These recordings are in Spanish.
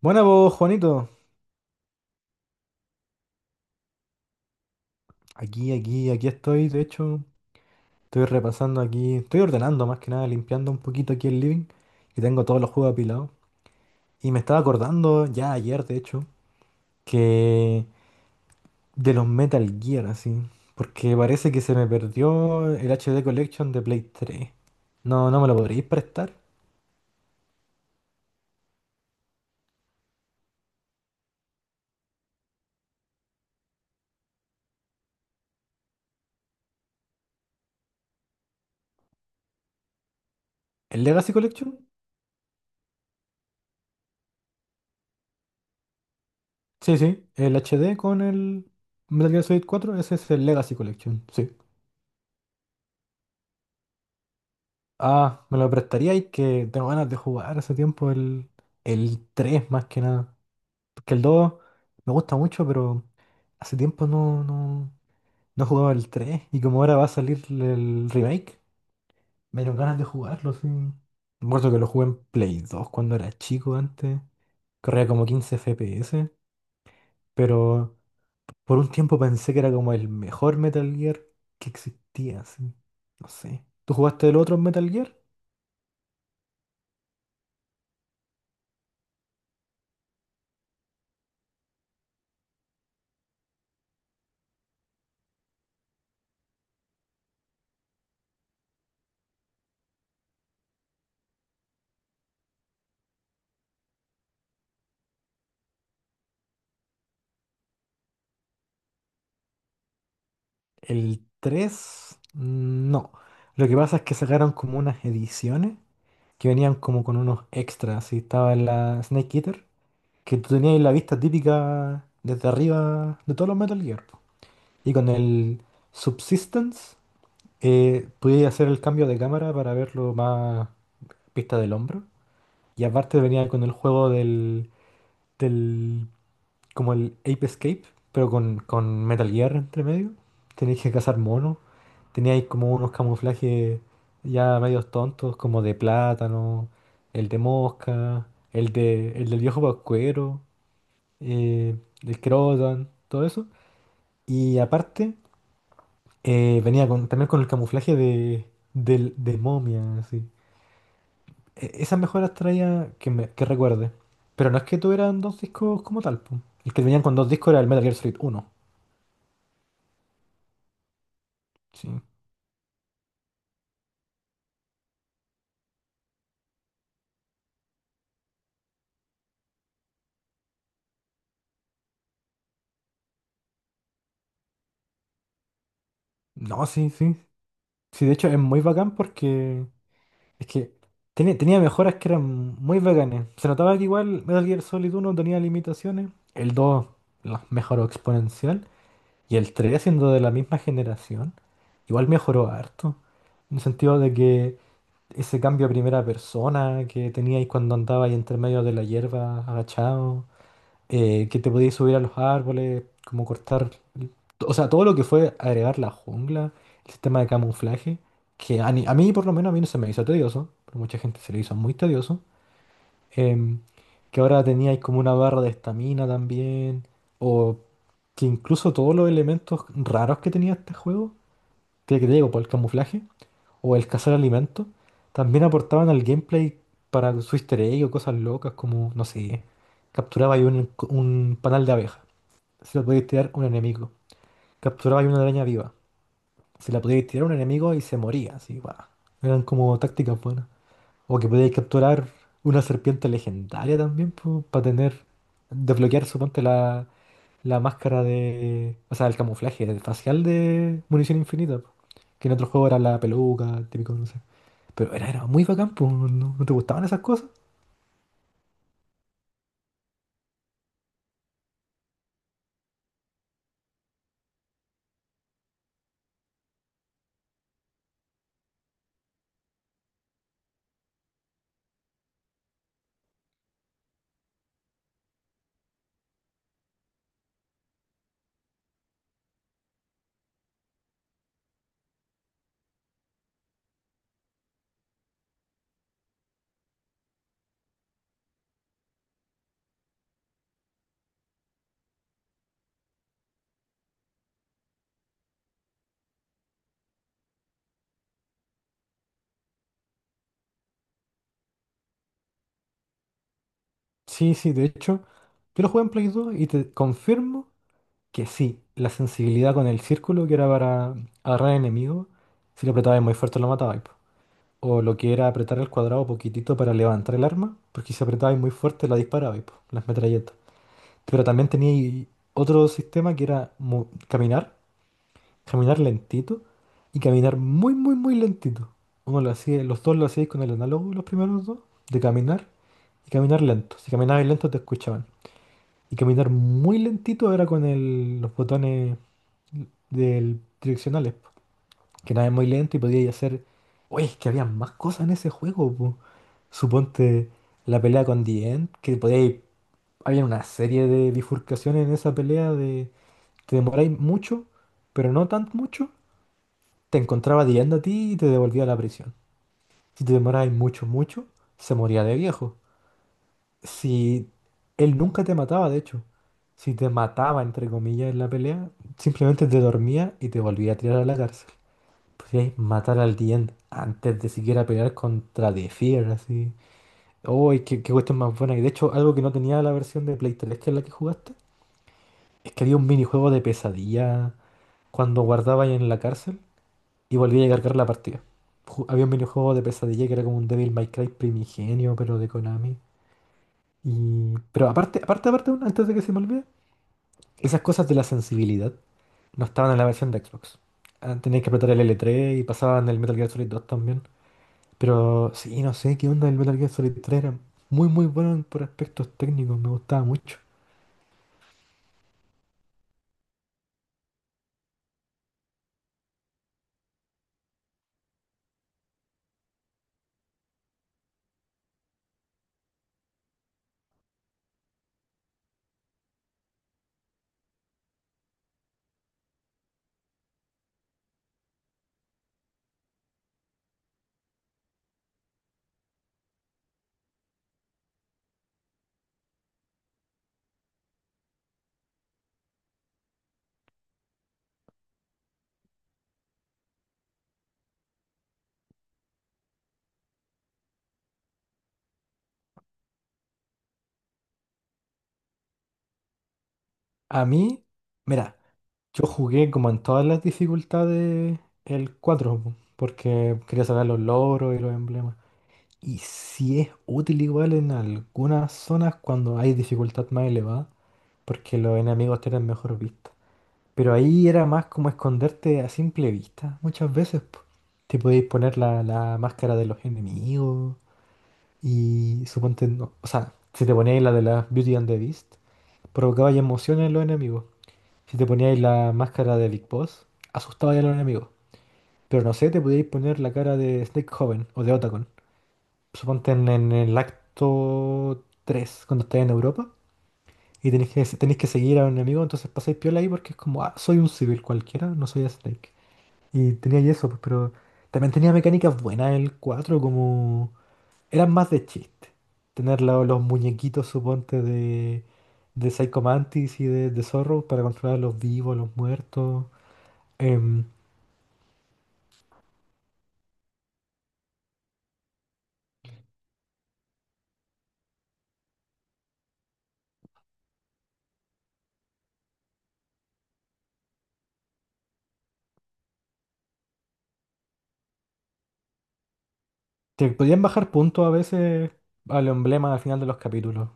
Buena vos, Juanito. Aquí estoy. De hecho, estoy repasando aquí. Estoy ordenando más que nada, limpiando un poquito aquí el living. Y tengo todos los juegos apilados. Y me estaba acordando ya ayer, de hecho, que de los Metal Gear, así. Porque parece que se me perdió el HD Collection de Play 3. No, no me lo podréis prestar. ¿El Legacy Collection? Sí, sí. El HD con el Metal Gear Solid 4. Ese es el Legacy Collection. Sí. Ah, me lo prestaría y que tengo ganas de jugar hace tiempo el 3 más que nada. Porque el 2 me gusta mucho, pero hace tiempo no, no, no jugaba el tres. Y como ahora va a salir el remake, me dieron ganas de jugarlo, sí. Me acuerdo que lo jugué en Play 2 cuando era chico antes. Corría como 15 FPS, pero por un tiempo pensé que era como el mejor Metal Gear que existía, sí. No sé. ¿Tú jugaste el otro Metal Gear? El 3 no. Lo que pasa es que sacaron como unas ediciones que venían como con unos extras. Y estaba la Snake Eater, que tú tenías la vista típica desde arriba de todos los Metal Gear, po. Y con el Subsistence podías hacer el cambio de cámara para verlo más vista del hombro. Y aparte venía con el juego del como el Ape Escape, pero con Metal Gear entre medio. Tenéis que cazar monos. Teníais como unos camuflajes ya medios tontos, como de plátano, el de mosca, el del viejo pascuero, eh, el crotan, todo eso. Y aparte, venía también con el camuflaje de momia, así. Esas mejoras traía que recuerde. Pero no es que tuvieran dos discos como tal, po. El que venían con dos discos era el Metal Gear Solid uno. Sí. No, sí, sí. Sí, de hecho es muy bacán porque es que tenía mejoras que eran muy bacanes. Se notaba que igual Metal Gear Solid 1 tenía limitaciones, el 2 las mejoró exponencial y el 3 siendo de la misma generación, igual mejoró harto. En el sentido de que ese cambio a primera persona que teníais cuando andabais entre medio de la hierba agachado, que te podías subir a los árboles, como cortar, o sea, todo lo que fue agregar la jungla, el sistema de camuflaje, que a, ni- a mí por lo menos a mí no se me hizo tedioso, pero mucha gente se le hizo muy tedioso, em, que ahora teníais como una barra de estamina también, o que incluso todos los elementos raros que tenía este juego, que te digo, por el camuflaje, o el cazar alimentos, también aportaban al gameplay para su easter egg o cosas locas como, no sé, capturaba ahí un panal de abejas, se la podíais tirar a un enemigo. Capturabais una araña viva. Se la podíais tirar a un enemigo y se moría, así, guau. Eran como tácticas buenas. O que podíais capturar una serpiente legendaria también, para tener, desbloquear, suponte, la máscara de, o sea, el camuflaje facial de munición infinita, po. Que en otros juegos era la peluca, típico, no sé. Pero era muy bacán, po. ¿No te gustaban esas cosas? Sí, sí, de hecho, yo lo jugué en Play 2 y te confirmo que sí, la sensibilidad con el círculo, que era para agarrar enemigos, si lo apretabais muy fuerte lo matabais, po. O lo que era apretar el cuadrado poquitito para levantar el arma, porque si apretabais muy fuerte la disparabais, po, las metralletas. Pero también tenía otro sistema que era caminar, caminar lentito y caminar muy, muy, muy lentito. Uno lo hacía, los dos lo hacíais con el análogo, los primeros dos, de caminar y caminar lento. Si caminabais lento te escuchaban. Y caminar muy lentito era con los botones del direccionales, po, que nada es muy lento y podía hacer. Oye, es que había más cosas en ese juego, po. Suponte la pelea con The End, que podíais. Había una serie de bifurcaciones en esa pelea de. Te demoráis mucho, pero no tan mucho. Te encontraba The End a ti y te devolvía a la prisión. Si te demoráis mucho, mucho, se moría de viejo. Si él nunca te mataba, de hecho, si te mataba, entre comillas, en la pelea, simplemente te dormía y te volvía a tirar a la cárcel. Podías matar al diente antes de siquiera pelear contra The Fear, así. ¡Uy, qué cuestión más buena! Y de hecho, algo que no tenía la versión de Play 3, que es la que jugaste, es que había un minijuego de pesadilla cuando guardabas en la cárcel y volvía a cargar la partida. Había un minijuego de pesadilla que era como un Devil May Cry primigenio, pero de Konami. Pero aparte, aparte, aparte, antes de que se me olvide, esas cosas de la sensibilidad no estaban en la versión de Xbox. Ah, tenías que apretar el L3 y pasaban el Metal Gear Solid 2 también. Pero sí, no sé qué onda el Metal Gear Solid 3 era muy muy bueno por aspectos técnicos, me gustaba mucho. A mí, mira, yo jugué como en todas las dificultades el cuatro, po, porque quería sacar los logros y los emblemas. Y sí es útil igual en algunas zonas cuando hay dificultad más elevada, porque los enemigos tienen mejor vista. Pero ahí era más como esconderte a simple vista, muchas veces, po. Te podéis poner la máscara de los enemigos y suponte, o sea, si te poníais la de la Beauty and the Beast, provocabais emociones en los enemigos. Si te poníais la máscara de Big Boss, asustabais a los enemigos. Pero no sé, te podíais poner la cara de Snake Joven o de Otacon. Suponte en el acto 3 cuando estáis en Europa. Y tenéis que seguir a un enemigo, entonces pasáis piola ahí porque es como, ah, soy un civil cualquiera, no soy Snake. Y tenía y eso, pues, pero también tenía mecánicas buenas el 4 como eran más de chiste. Tener los muñequitos, suponte, de Psycho Mantis y de Zorro para controlar a los vivos, los muertos. Em, te podían bajar puntos a veces al emblema al final de los capítulos.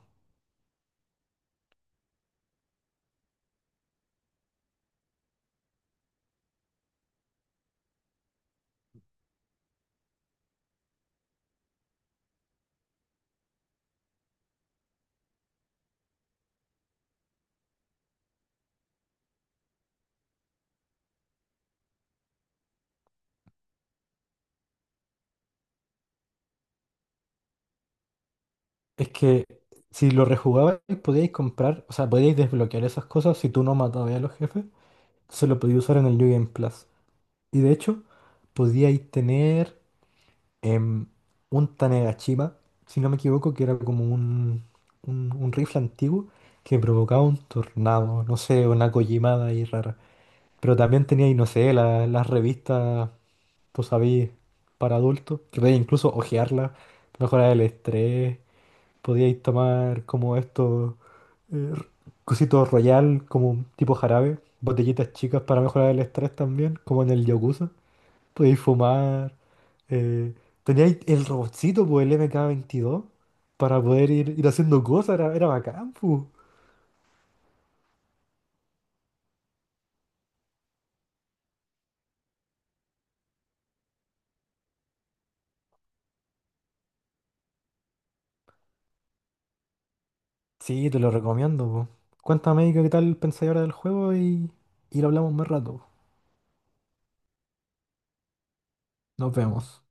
Es que si lo rejugabais, podíais comprar, o sea, podíais desbloquear esas cosas si tú no matabas a los jefes. Se lo podíais usar en el New Game Plus. Y de hecho, podíais tener, em, un Tanegashima, si no me equivoco, que era como un rifle antiguo que provocaba un tornado, no sé, una Kojimada ahí rara. Pero también tenía, y no sé, las revistas, tú sabías, para adultos, que podías incluso hojearlas, mejorar el estrés, podíais tomar como estos eh, cositos royal, como tipo jarabe, botellitas chicas para mejorar el estrés también, como en el Yakuza. Podíais fumar. Eh, teníais el robotcito, pues el Mk 22 para poder ir haciendo cosas, era bacán, pues. Sí, te lo recomiendo, pues. Cuéntame qué tal pensáis ahora del juego y lo hablamos más rato. Nos vemos.